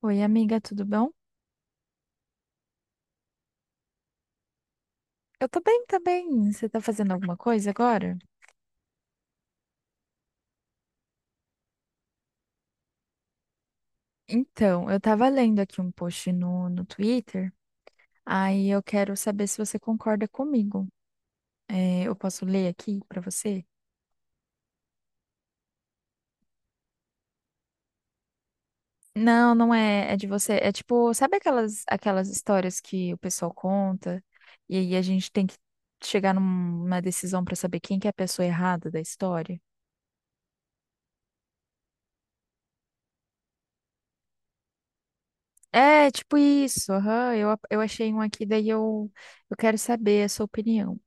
Oi, amiga, tudo bom? Eu tô bem também. Você tá fazendo alguma coisa agora? Então, eu tava lendo aqui um post no Twitter, aí eu quero saber se você concorda comigo. É, eu posso ler aqui pra você? Não, não é, é de você. É tipo, sabe aquelas histórias que o pessoal conta e aí a gente tem que chegar numa decisão pra saber quem que é a pessoa errada da história? É, tipo isso. Aham, eu achei um aqui, eu quero saber a sua opinião.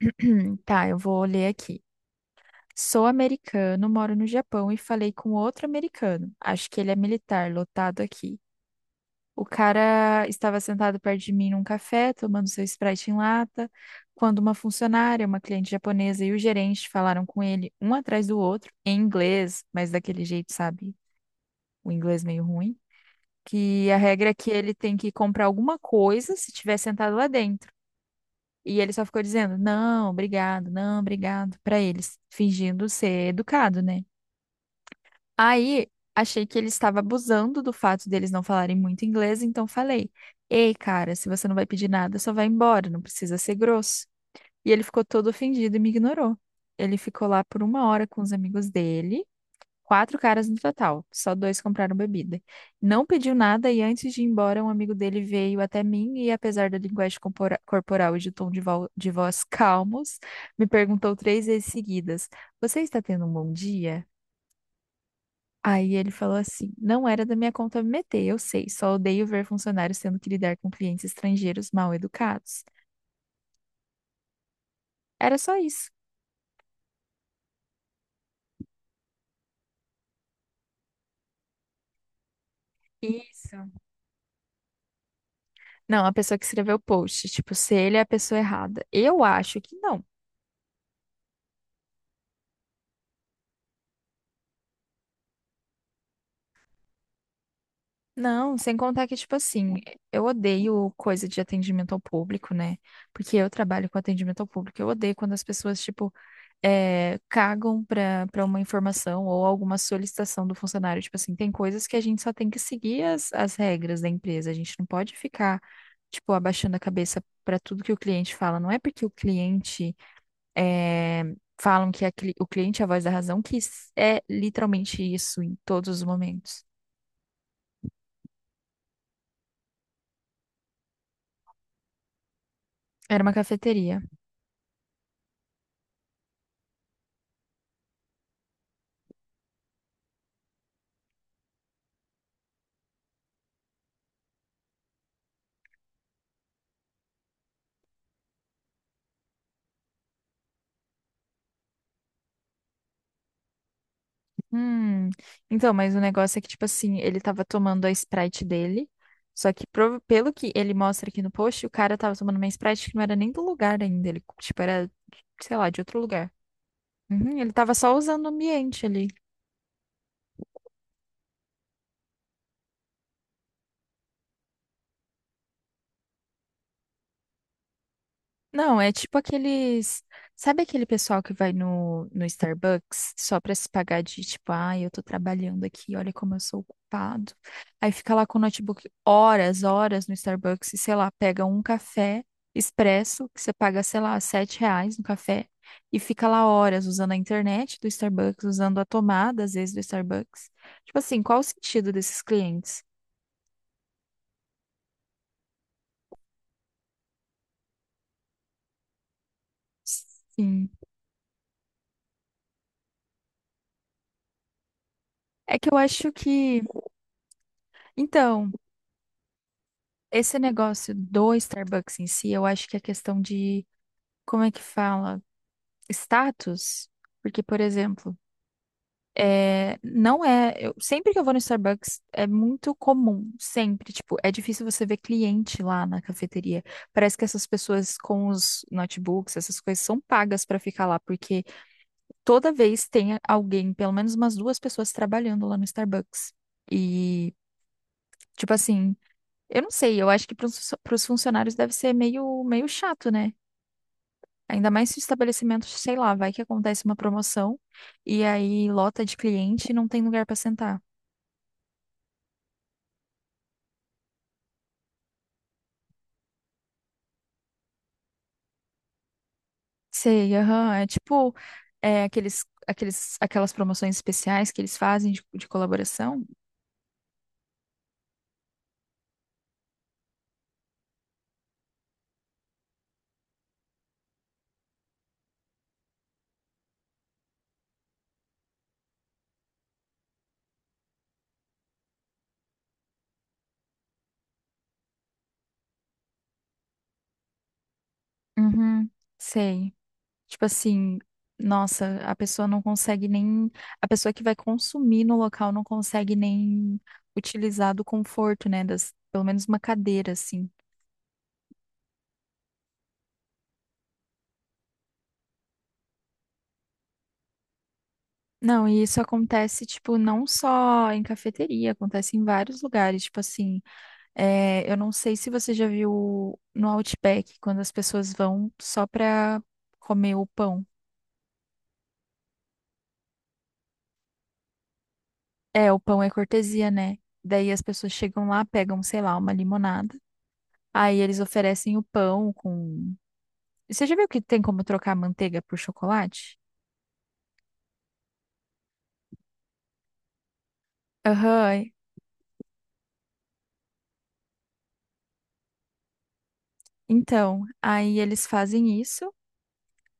Tá, eu vou ler aqui. Sou americano, moro no Japão e falei com outro americano. Acho que ele é militar, lotado aqui. O cara estava sentado perto de mim num café, tomando seu Sprite em lata, quando uma funcionária, uma cliente japonesa e o gerente falaram com ele, um atrás do outro, em inglês, mas daquele jeito, sabe? O inglês meio ruim. Que a regra é que ele tem que comprar alguma coisa se estiver sentado lá dentro. E ele só ficou dizendo, não, obrigado, não, obrigado, pra eles, fingindo ser educado, né? Aí achei que ele estava abusando do fato deles não falarem muito inglês, então falei, ei, cara, se você não vai pedir nada, só vai embora, não precisa ser grosso. E ele ficou todo ofendido e me ignorou. Ele ficou lá por uma hora com os amigos dele. Quatro caras no total, só dois compraram bebida. Não pediu nada e antes de ir embora, um amigo dele veio até mim e, apesar da linguagem corporal e de tom de voz calmos, me perguntou três vezes seguidas: Você está tendo um bom dia? Aí ele falou assim: Não era da minha conta me meter, eu sei, só odeio ver funcionários tendo que lidar com clientes estrangeiros mal educados. Era só isso. Isso. Não, a pessoa que escreveu o post, tipo, se ele é a pessoa errada. Eu acho que não. Não, sem contar que, tipo assim, eu odeio coisa de atendimento ao público, né? Porque eu trabalho com atendimento ao público. Eu odeio quando as pessoas, tipo, cagam pra uma informação ou alguma solicitação do funcionário. Tipo assim, tem coisas que a gente só tem que seguir as regras da empresa. A gente não pode ficar, tipo, abaixando a cabeça pra tudo que o cliente fala. Não é porque o cliente eh, falam que a o cliente é a voz da razão, que é literalmente isso em todos os momentos. Era uma cafeteria. Hum. Então, mas o negócio é que, tipo assim, ele tava tomando a Sprite dele. Só que, pelo que ele mostra aqui no post, o cara tava tomando uma Sprite que não era nem do lugar ainda. Ele, tipo, era, sei lá, de outro lugar. Uhum, ele tava só usando o ambiente ali. Não, é tipo aqueles. Sabe aquele pessoal que vai no Starbucks só pra se pagar de tipo, ah, eu tô trabalhando aqui, olha como eu sou ocupado. Aí fica lá com o notebook horas, horas no Starbucks e sei lá, pega um café expresso, que você paga, sei lá, sete reais no café, e fica lá horas usando a internet do Starbucks, usando a tomada, às vezes, do Starbucks. Tipo assim, qual o sentido desses clientes? Sim. É que eu acho que. Então. Esse negócio do Starbucks em si, eu acho que é questão de, como é que fala? Status. Porque, por exemplo, é, não é. Sempre que eu vou no Starbucks, é muito comum, sempre. Tipo, é difícil você ver cliente lá na cafeteria. Parece que essas pessoas com os notebooks, essas coisas, são pagas pra ficar lá, porque toda vez tem alguém, pelo menos umas duas pessoas trabalhando lá no Starbucks. E, tipo assim, eu não sei, eu acho que para os funcionários deve ser meio chato, né? Ainda mais se o estabelecimento, sei lá, vai que acontece uma promoção e aí lota de cliente e não tem lugar para sentar. Sei, aham, é tipo é, aquelas promoções especiais que eles fazem de colaboração. Uhum, sei. Tipo assim, nossa, a pessoa não consegue nem. A pessoa que vai consumir no local não consegue nem utilizar do conforto, né? Das, pelo menos uma cadeira, assim. Não, e isso acontece, tipo, não só em cafeteria, acontece em vários lugares. Tipo assim, é, eu não sei se você já viu no Outback, quando as pessoas vão só pra comer o pão. É, o pão é cortesia, né? Daí as pessoas chegam lá, pegam, sei lá, uma limonada. Aí eles oferecem o pão com. Você já viu que tem como trocar manteiga por chocolate? Aham. Então, aí eles fazem isso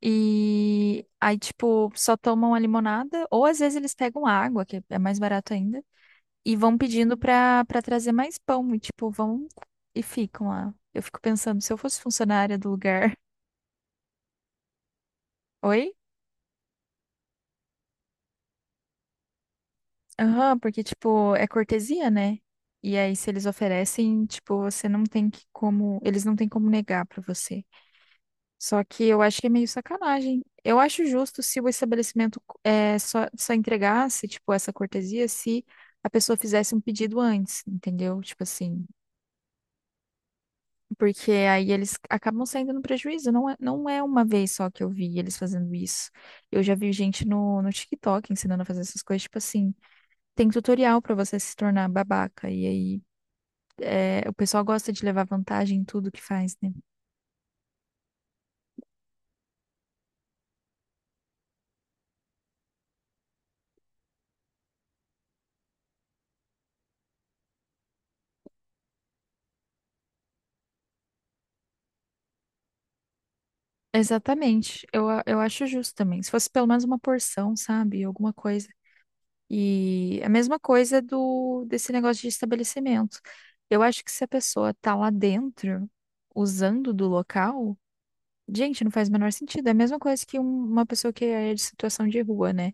e aí, tipo, só tomam a limonada, ou às vezes eles pegam água, que é mais barato ainda, e vão pedindo pra trazer mais pão. E, tipo, vão e ficam lá. Eu fico pensando, se eu fosse funcionária do lugar. Oi? Aham, porque, tipo, é cortesia, né? E aí, se eles oferecem, tipo, você não tem que como. Eles não têm como negar pra você. Só que eu acho que é meio sacanagem. Eu acho justo se o estabelecimento é, só, só entregasse, tipo, essa cortesia se a pessoa fizesse um pedido antes, entendeu? Tipo assim, porque aí eles acabam saindo no prejuízo. Não é uma vez só que eu vi eles fazendo isso. Eu já vi gente no TikTok ensinando a fazer essas coisas, tipo assim, tem tutorial pra você se tornar babaca. E aí é, o pessoal gosta de levar vantagem em tudo que faz, né? Exatamente. Eu acho justo também. Se fosse pelo menos uma porção, sabe? Alguma coisa. E a mesma coisa do desse negócio de estabelecimento. Eu acho que se a pessoa tá lá dentro, usando do local, gente, não faz o menor sentido. É a mesma coisa que uma pessoa que é de situação de rua, né?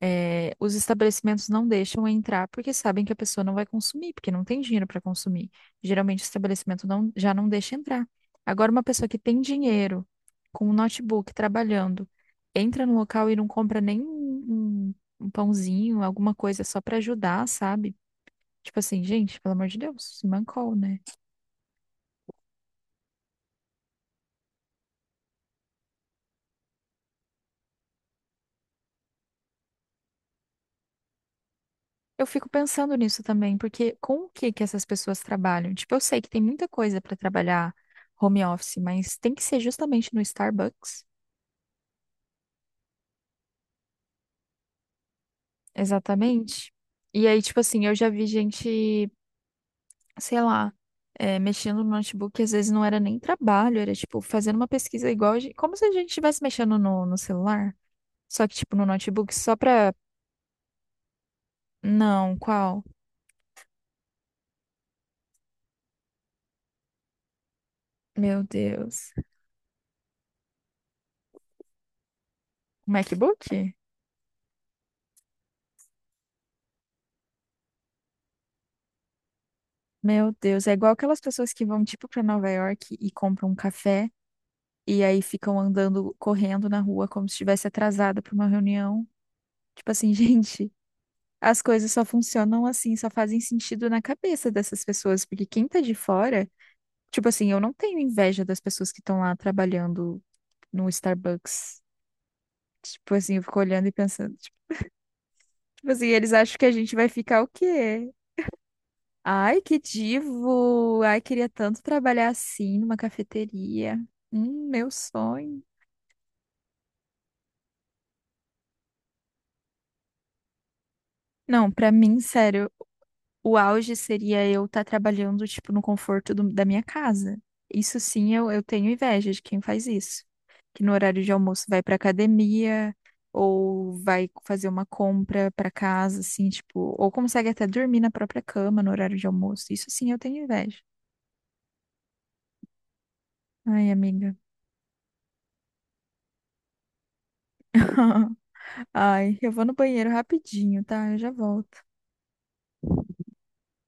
É, os estabelecimentos não deixam entrar porque sabem que a pessoa não vai consumir, porque não tem dinheiro para consumir. Geralmente o estabelecimento não, já não deixa entrar. Agora, uma pessoa que tem dinheiro, com um notebook, trabalhando, entra no local e não compra nem um um pãozinho, alguma coisa só para ajudar, sabe? Tipo assim, gente, pelo amor de Deus, se mancou, né? Eu fico pensando nisso também, porque com o que que essas pessoas trabalham? Tipo, eu sei que tem muita coisa para trabalhar home office, mas tem que ser justamente no Starbucks. Exatamente. E aí, tipo assim, eu já vi gente, sei lá, é, mexendo no notebook, às vezes não era nem trabalho, era tipo fazendo uma pesquisa igual, como se a gente estivesse mexendo no celular, só que tipo no notebook, só pra. Não, qual? Meu Deus. MacBook? Meu Deus, é igual aquelas pessoas que vão tipo pra Nova York e compram um café e aí ficam andando, correndo na rua como se estivesse atrasada pra uma reunião. Tipo assim, gente. As coisas só funcionam assim, só fazem sentido na cabeça dessas pessoas, porque quem tá de fora, tipo assim, eu não tenho inveja das pessoas que estão lá trabalhando no Starbucks. Tipo assim, eu fico olhando e pensando, tipo, tipo assim, eles acham que a gente vai ficar o quê? Ai, que divo! Ai, queria tanto trabalhar assim numa cafeteria. Meu sonho. Não, pra mim, sério, o auge seria eu estar trabalhando, tipo, no conforto da minha casa. Isso sim, eu tenho inveja de quem faz isso. Que no horário de almoço vai pra academia ou vai fazer uma compra pra casa, assim, tipo, ou consegue até dormir na própria cama no horário de almoço. Isso sim, eu tenho inveja. Ai, amiga. Ai, eu vou no banheiro rapidinho, tá? Eu já volto.